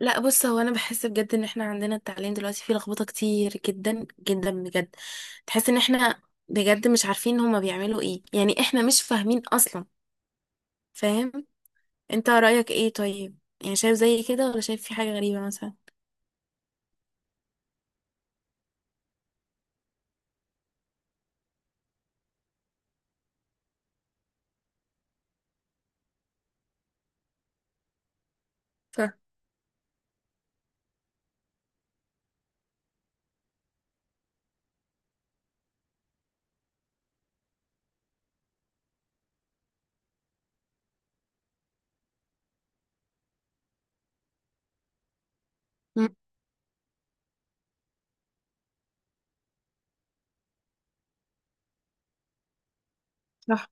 لا بص هو انا بحس بجد ان احنا عندنا التعليم دلوقتي فيه لخبطه كتير جدا بجد. تحس ان احنا بجد مش عارفين هما بيعملوا ايه، يعني احنا مش فاهمين اصلا. فاهم؟ انت رايك ايه طيب؟ يعني شايف زي كده ولا شايف في حاجه غريبه مثلا؟ صح. مم، صح.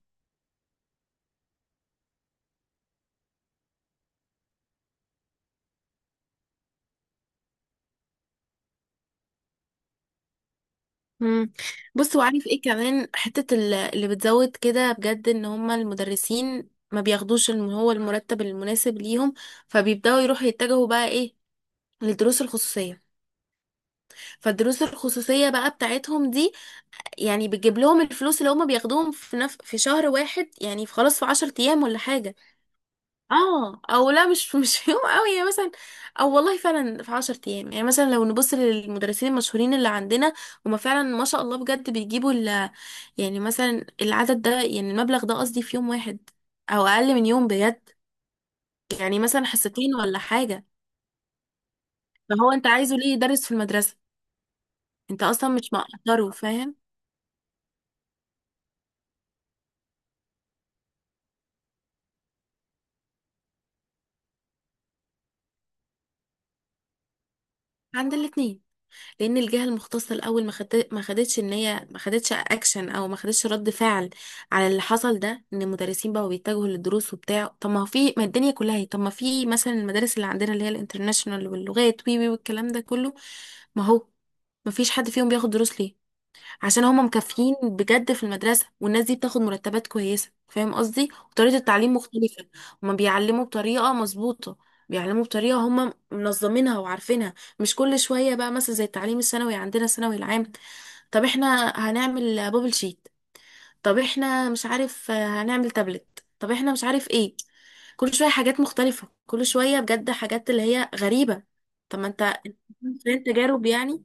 مم. بص، وعارف ايه كمان حتة اللي بتزود كده بجد؟ ان هما المدرسين ما بياخدوش هو المرتب المناسب ليهم. فبيبدأوا يروحوا يتجهوا بقى ايه؟ للدروس الخصوصية. فالدروس الخصوصية بقى بتاعتهم دي يعني بتجيب لهم الفلوس اللي هما بياخدوهم في في شهر واحد، يعني في خلاص في عشر ايام ولا حاجة. اه، او لا، مش مش في يوم قوي يعني مثلا، او والله فعلا في عشر ايام. يعني مثلا لو نبص للمدرسين المشهورين اللي عندنا، هما فعلا ما شاء الله بجد بيجيبوا يعني مثلا العدد ده، يعني المبلغ ده قصدي، في يوم واحد او اقل من يوم بجد. يعني مثلا حصتين ولا حاجة. فهو انت عايزه ليه يدرس في المدرسة؟ انت اصلا مش مقدره، فاهم؟ عند الاتنين. لان الجهه المختصه الاول ما خدتش، ان هي ما خدتش اكشن او ما خدتش رد فعل على اللي حصل ده، ان المدرسين بقوا بيتجهوا للدروس وبتاع. طب ما هو في، ما الدنيا كلها هي، طب ما في مثلا المدارس اللي عندنا اللي هي الانترناشونال واللغات وي وي والكلام ده كله، ما هو ما فيش حد فيهم بياخد دروس ليه؟ عشان هما مكافيين بجد في المدرسة، والناس دي بتاخد مرتبات كويسة، فاهم قصدي؟ وطريقة التعليم مختلفة. هما بيعلموا بطريقة مظبوطة، بيعلموا بطريقة هما منظمينها وعارفينها. مش كل شوية بقى مثلا زي التعليم الثانوي عندنا، الثانوي العام، طب احنا هنعمل بابل شيت، طب احنا مش عارف هنعمل تابلت، طب احنا مش عارف ايه. كل شوية حاجات مختلفة، كل شوية بجد حاجات اللي هي غريبة. طب ما انت فين تجارب يعني؟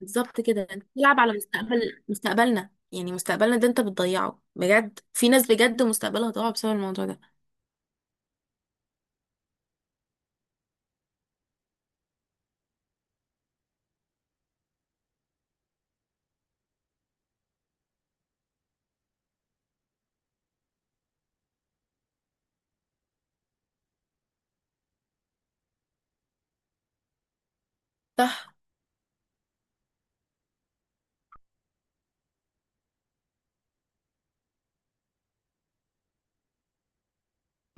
بالظبط كده، انت بتلعب على مستقبل، مستقبلنا، يعني مستقبلنا ده انت بتضيعه. بجد في ناس بجد مستقبلها ضاع بسبب الموضوع ده. صح.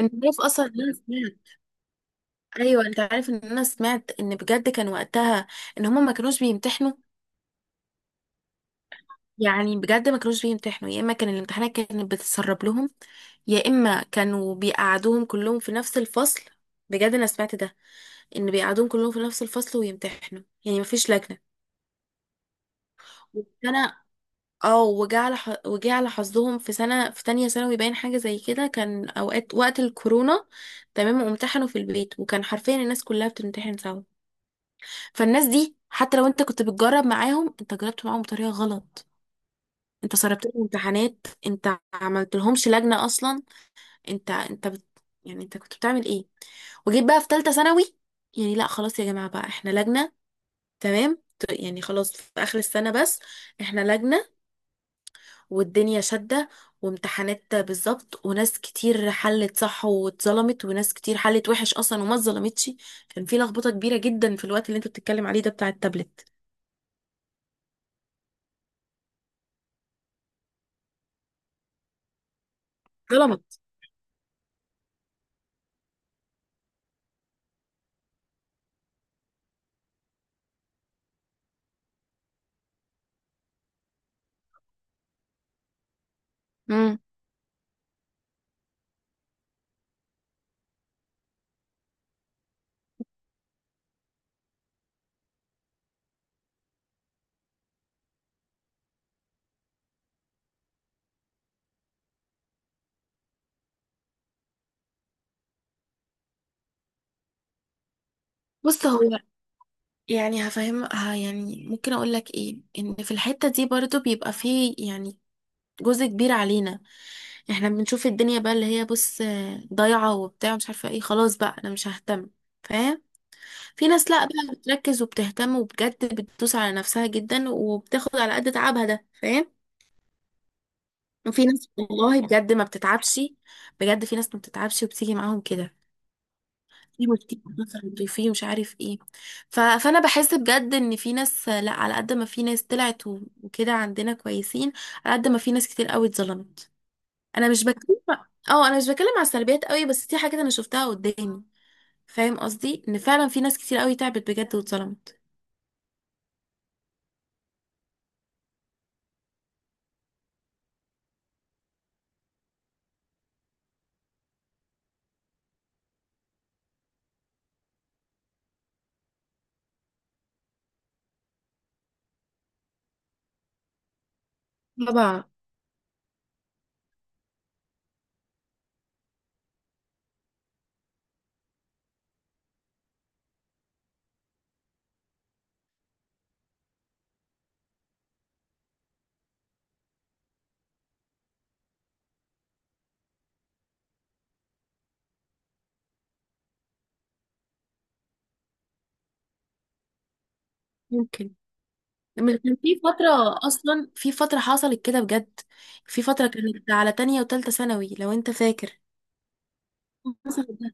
انت عارف اصلا ان انا سمعت، ايوه، انت عارف ان انا سمعت ان بجد كان وقتها ان هما ما كانوش بيمتحنوا؟ يعني بجد ما كانوش بيمتحنوا، يا اما كان الامتحانات كانت بتتسرب لهم، يا اما كانوا بيقعدوهم كلهم في نفس الفصل. بجد انا سمعت ده، ان بيقعدوهم كلهم في نفس الفصل ويمتحنوا، يعني مفيش لجنة. انا اه، وجه على وجه على حظهم، في سنة في تانية ثانوي باين حاجة زي كده، كان اوقات وقت الكورونا. تمام، وامتحنوا في البيت، وكان حرفيا الناس كلها بتمتحن سوا. فالناس دي حتى لو انت كنت بتجرب معاهم، انت جربت معاهم بطريقة غلط. انت سربت لهم امتحانات، انت عملت لهمش لجنة اصلا. انت انت بت... يعني انت كنت بتعمل ايه؟ وجيت بقى في تالتة ثانوي، يعني لا خلاص يا جماعة بقى احنا لجنة. تمام، يعني خلاص في اخر السنة بس احنا لجنة، والدنيا شدة وامتحانات بالظبط. وناس كتير حلت صح واتظلمت، وناس كتير حلت وحش أصلا وما اتظلمتش. كان في لخبطة كبيرة جدا في الوقت اللي انت بتتكلم عليه ده بتاع التابلت. ظلمت. امم. بص هو، يعني يعني ممكن اقول لك ايه؟ ان في الحتة دي برضو بيبقى فيه يعني جزء كبير علينا. احنا بنشوف الدنيا بقى اللي هي، بص ضايعة وبتاع مش عارفة ايه، خلاص بقى انا مش ههتم، فاهم؟ في ناس لا بقى بتركز وبتهتم، وبجد بتدوس على نفسها جدا، وبتاخد على قد تعبها ده، فاهم؟ وفي ناس والله بجد ما بتتعبش. بجد في ناس ما بتتعبش وبتيجي معاهم كده، في مكتئب مثلا، في مش عارف ايه. فانا بحس بجد ان في ناس، لا على قد ما في ناس طلعت وكده عندنا كويسين، على قد ما في ناس كتير قوي اتظلمت. انا مش بتكلم، اه انا مش بتكلم على السلبيات قوي، بس دي حاجات انا شفتها قدامي. فاهم قصدي؟ ان فعلا في ناس كتير قوي تعبت بجد واتظلمت. طبعا. ممكن. مش كان في فترة أصلا؟ في فترة حصلت كده بجد، في فترة كانت على تانية وتالتة ثانوي لو أنت فاكر. حصل ده.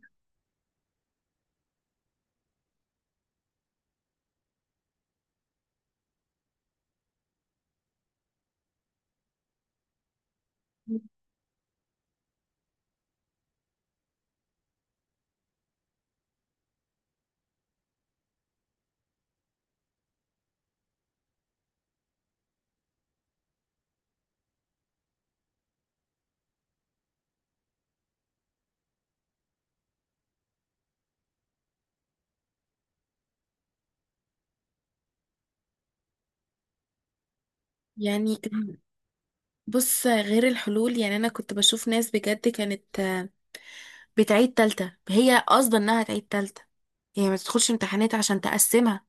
يعني بص، غير الحلول، يعني أنا كنت بشوف ناس بجد كانت بتعيد تالتة، هي قصدا إنها تعيد تالتة، هي ما تدخلش امتحانات عشان تقسمها.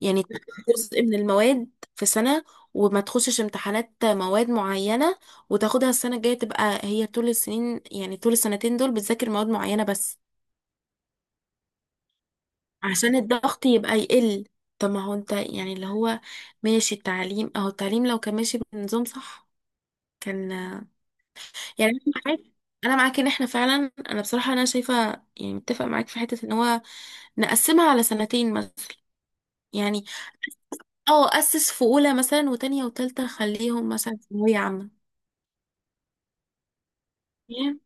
يعني تاخد جزء من المواد في سنة، وما تخشش امتحانات مواد معينة، وتاخدها السنة الجاية. تبقى هي طول السنين، يعني طول السنتين دول، بتذاكر مواد معينة بس عشان الضغط يبقى يقل. طب ما هو انت يعني اللي هو ماشي، التعليم اهو، التعليم لو كان ماشي بنظام صح كان. يعني انا معاك، انا معاك ان احنا فعلا، انا بصراحة انا شايفة يعني متفق معاك في حتة، ان هو نقسمها على سنتين مثلا. يعني اه، اسس في اولى مثلا، وتانية وتالتة خليهم مثلا ثانوية عامة. فاهم؟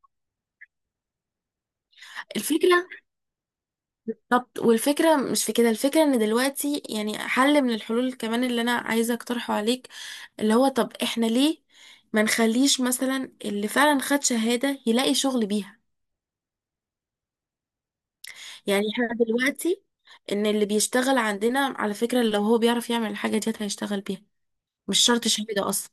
الفكرة، طب والفكرة مش في كده. الفكرة ان دلوقتي يعني حل من الحلول كمان اللي انا عايزة اقترحه عليك، اللي هو طب احنا ليه ما نخليش مثلا اللي فعلا خد شهادة يلاقي شغل بيها؟ يعني احنا دلوقتي، ان اللي بيشتغل عندنا على فكرة لو هو بيعرف يعمل الحاجة دي هيشتغل بيها، مش شرط شهادة اصلا.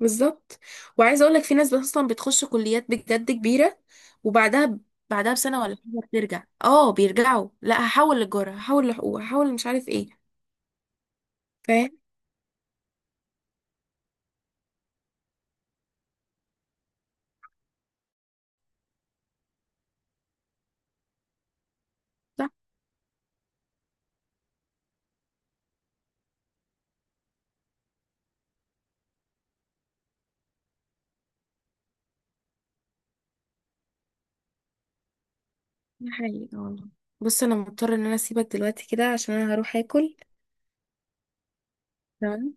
بالظبط. وعايزه اقول لك، في ناس اصلا بتخش كليات بجد كبيره، وبعدها بعدها بسنة ولا حاجة بترجع، اه بيرجعوا، لا هحول للجارة، هحول لحقوق، هحول مش عارف ايه. فاهم؟ صح. ده حقيقي والله. بص، انا مضطرة ان انا اسيبك دلوقتي كده عشان انا هروح اكل. تمام.